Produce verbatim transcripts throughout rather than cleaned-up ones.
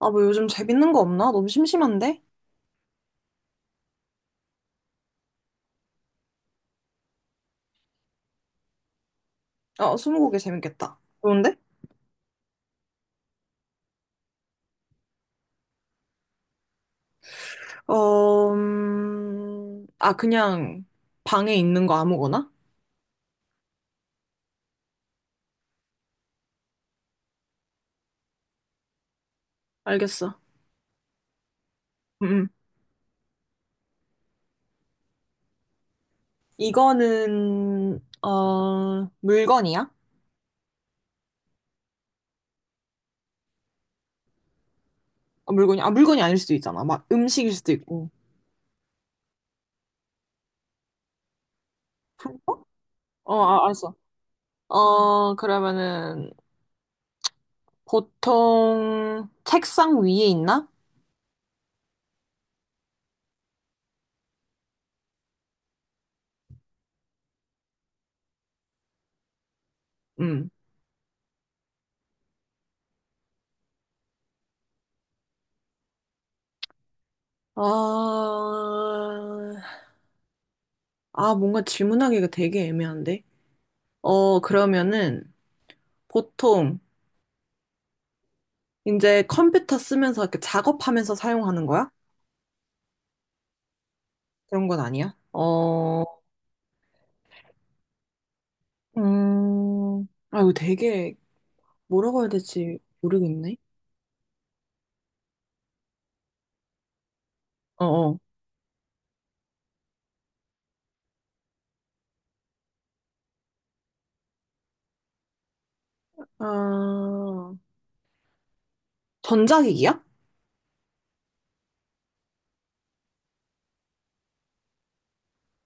아, 뭐 요즘 재밌는 거 없나? 너무 심심한데? 어, 스무고개 재밌겠다. 좋은데? 어, 음... 아, 그냥 방에 있는 거 아무거나? 알겠어. 음, 음. 이거는, 어, 물건이야? 어, 물건이, 아, 물건이 아닐 수도 있잖아. 막 음식일 수도 있고. 풀고? 어, 아, 알았어. 어, 그러면은, 보통 책상 위에 있나? 음. 어, 아, 뭔가 질문하기가 되게 애매한데? 어, 그러면은 보통 이제 컴퓨터 쓰면서 이렇게 작업하면서 사용하는 거야? 그런 건 아니야? 어, 음, 아, 이거 되게 뭐라고 해야 될지 모르겠네. 어어. 아, 전자기기야?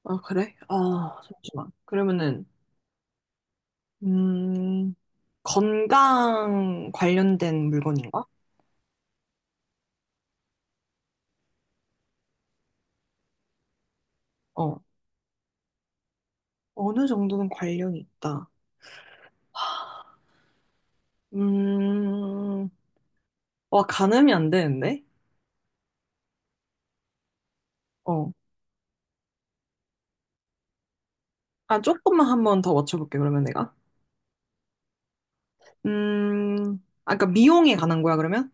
아, 그래? 아, 잠시만. 그러면은, 음, 건강 관련된 물건인가? 어, 어느 정도는 관련이 있다. 음, 와, 가늠이 안 되는데? 어. 아, 조금만 한 번 더 맞춰볼게, 그러면 내가. 음, 아, 그러니까 미용에 관한 거야, 그러면?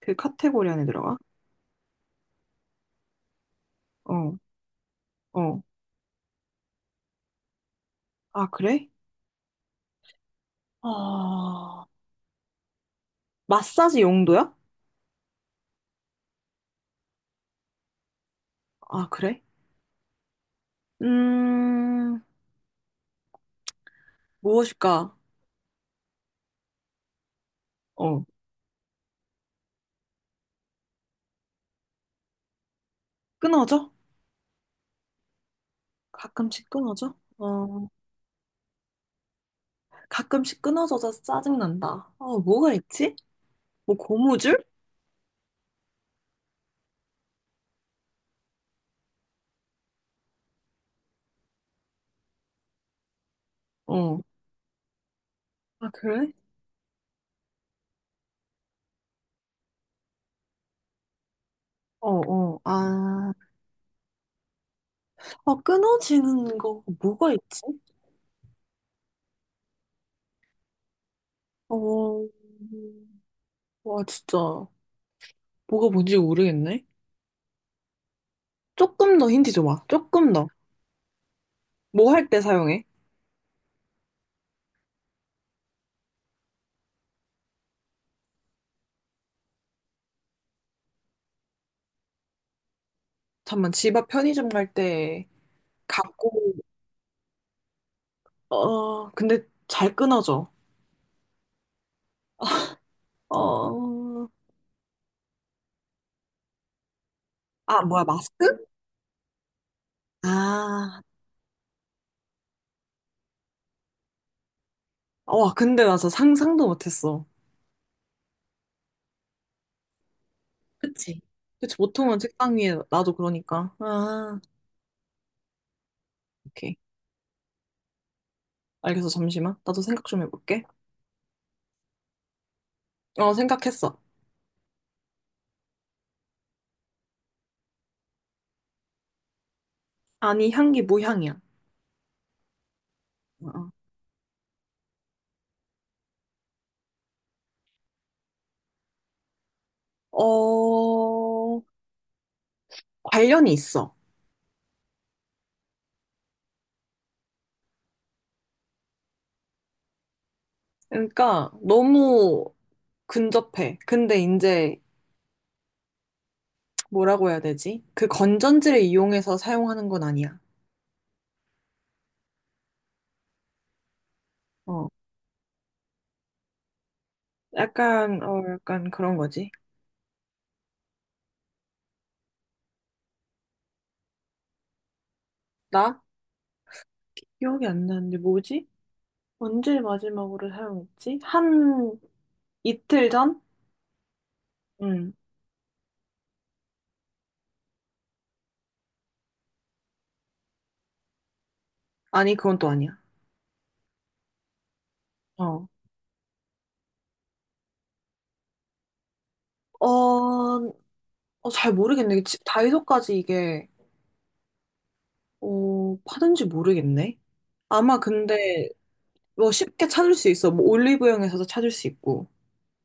그 카테고리 안에 들어가? 어, 어. 아, 그래? 아, 마사지 용도야? 아, 그래? 음, 무엇일까? 어, 끊어져? 가끔씩 끊어져? 어, 가끔씩 끊어져서 짜증난다. 어, 뭐가 있지? 뭐, 고무줄? 어. 아, 그래? 어, 어. 아, 어, 끊어지는 거 뭐가 있지? 어, 와, 진짜. 뭐가 뭔지 모르겠네. 조금 더 힌트 줘봐. 조금 더. 뭐 할 때 사용해? 잠만, 집 앞 편의점 갈 때, 갖고, 어, 근데 잘 끊어져. 어, 아, 뭐야, 마스크? 아, 와, 근데 나 진짜 상상도 못했어. 그치? 그치, 보통은 책상 위에 나도 그러니까. 아, 오케이. 알겠어, 잠시만. 나도 생각 좀 해볼게. 어, 생각했어. 아니, 향기 무향이야. 어, 어. 어, 관련이 있어. 그러니까 너무 근접해. 근데 이제 뭐라고 해야 되지? 그 건전지를 이용해서 사용하는 건 아니야. 어. 약간, 어, 약간 그런 거지. 나? 기억이 안 나는데 뭐지? 언제 마지막으로 사용했지? 한 이틀 전? 응. 아니, 그건 또 아니야. 어. 어, 어, 잘 모르겠네. 이게 지- 다이소까지 이게, 어, 파는지 모르겠네. 아마 근데 뭐 쉽게 찾을 수 있어. 뭐 올리브영에서도 찾을 수 있고,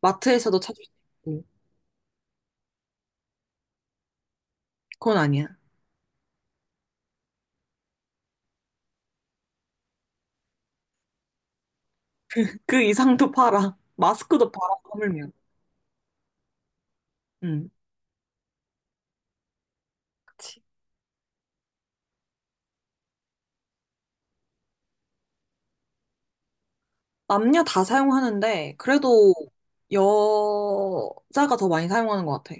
마트에서도 찾을 수 있고. 그건 아니야. 그 이상도 팔아. 마스크도 팔아, 하물며. 음. 그치. 남녀 다 사용하는데, 그래도 여자가 더 많이 사용하는 것 같아.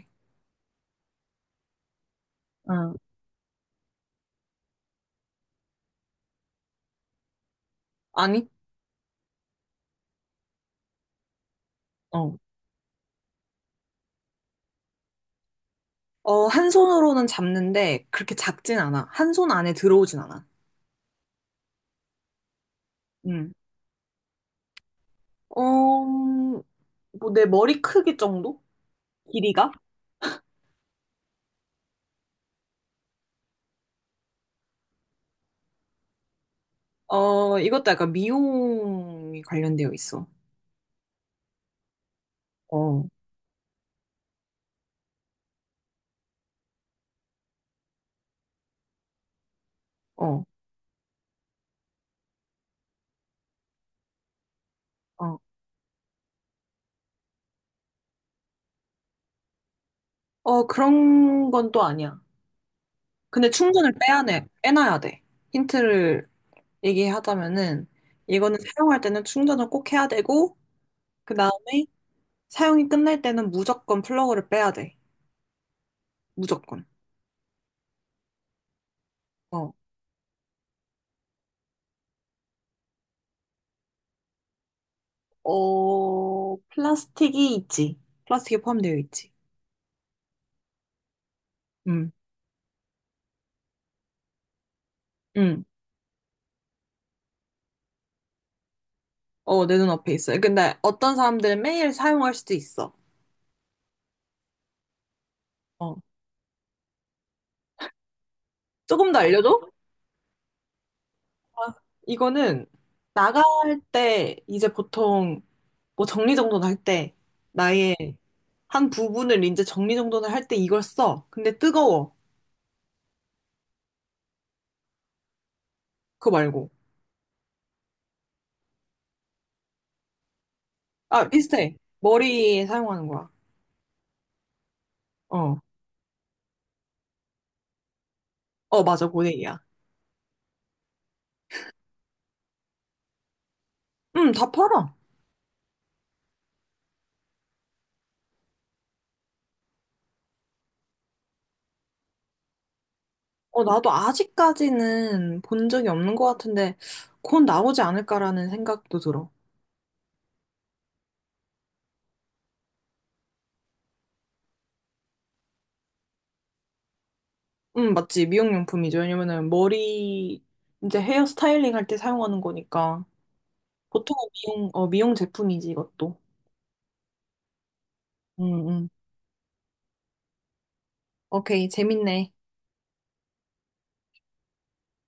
응. 아니? 어. 어, 한 손으로는 잡는데, 그렇게 작진 않아. 한 손 안에 들어오진 않아. 음, 어, 뭐, 내 머리 크기 정도? 길이가? 어, 이것도 약간 미용이 관련되어 있어. 어. 어, 어. 어, 그런 건 또 아니야. 근데 충전을 빼야 돼, 빼놔야 돼. 힌트를 얘기하자면은, 이거는 사용할 때는 충전을 꼭 해야 되고, 그 다음에 사용이 끝날 때는 무조건 플러그를 빼야 돼. 무조건. 어, 어, 플라스틱이 있지. 플라스틱이 포함되어 있지. 응, 응. 어, 내 눈앞에 있어요. 근데 어떤 사람들은 매일 사용할 수도 있어. 어. 조금 더 알려줘? 아, 이거는 나갈 때 이제 보통 뭐 정리정돈을 할 때, 나의 한 부분을 이제 정리정돈을 할 때 이걸 써. 근데 뜨거워. 그거 말고. 아, 비슷해. 머리에 사용하는 거야. 어. 어, 맞아. 고데기야. 응, 다 팔아. 어, 나도 아직까지는 본 적이 없는 것 같은데, 곧 나오지 않을까라는 생각도 들어. 응, 맞지. 미용용품이죠. 왜냐면은 머리, 이제 헤어 스타일링 할 때 사용하는 거니까. 보통은 미용, 어, 미용 제품이지, 이것도. 응, 응. 오케이. 재밌네.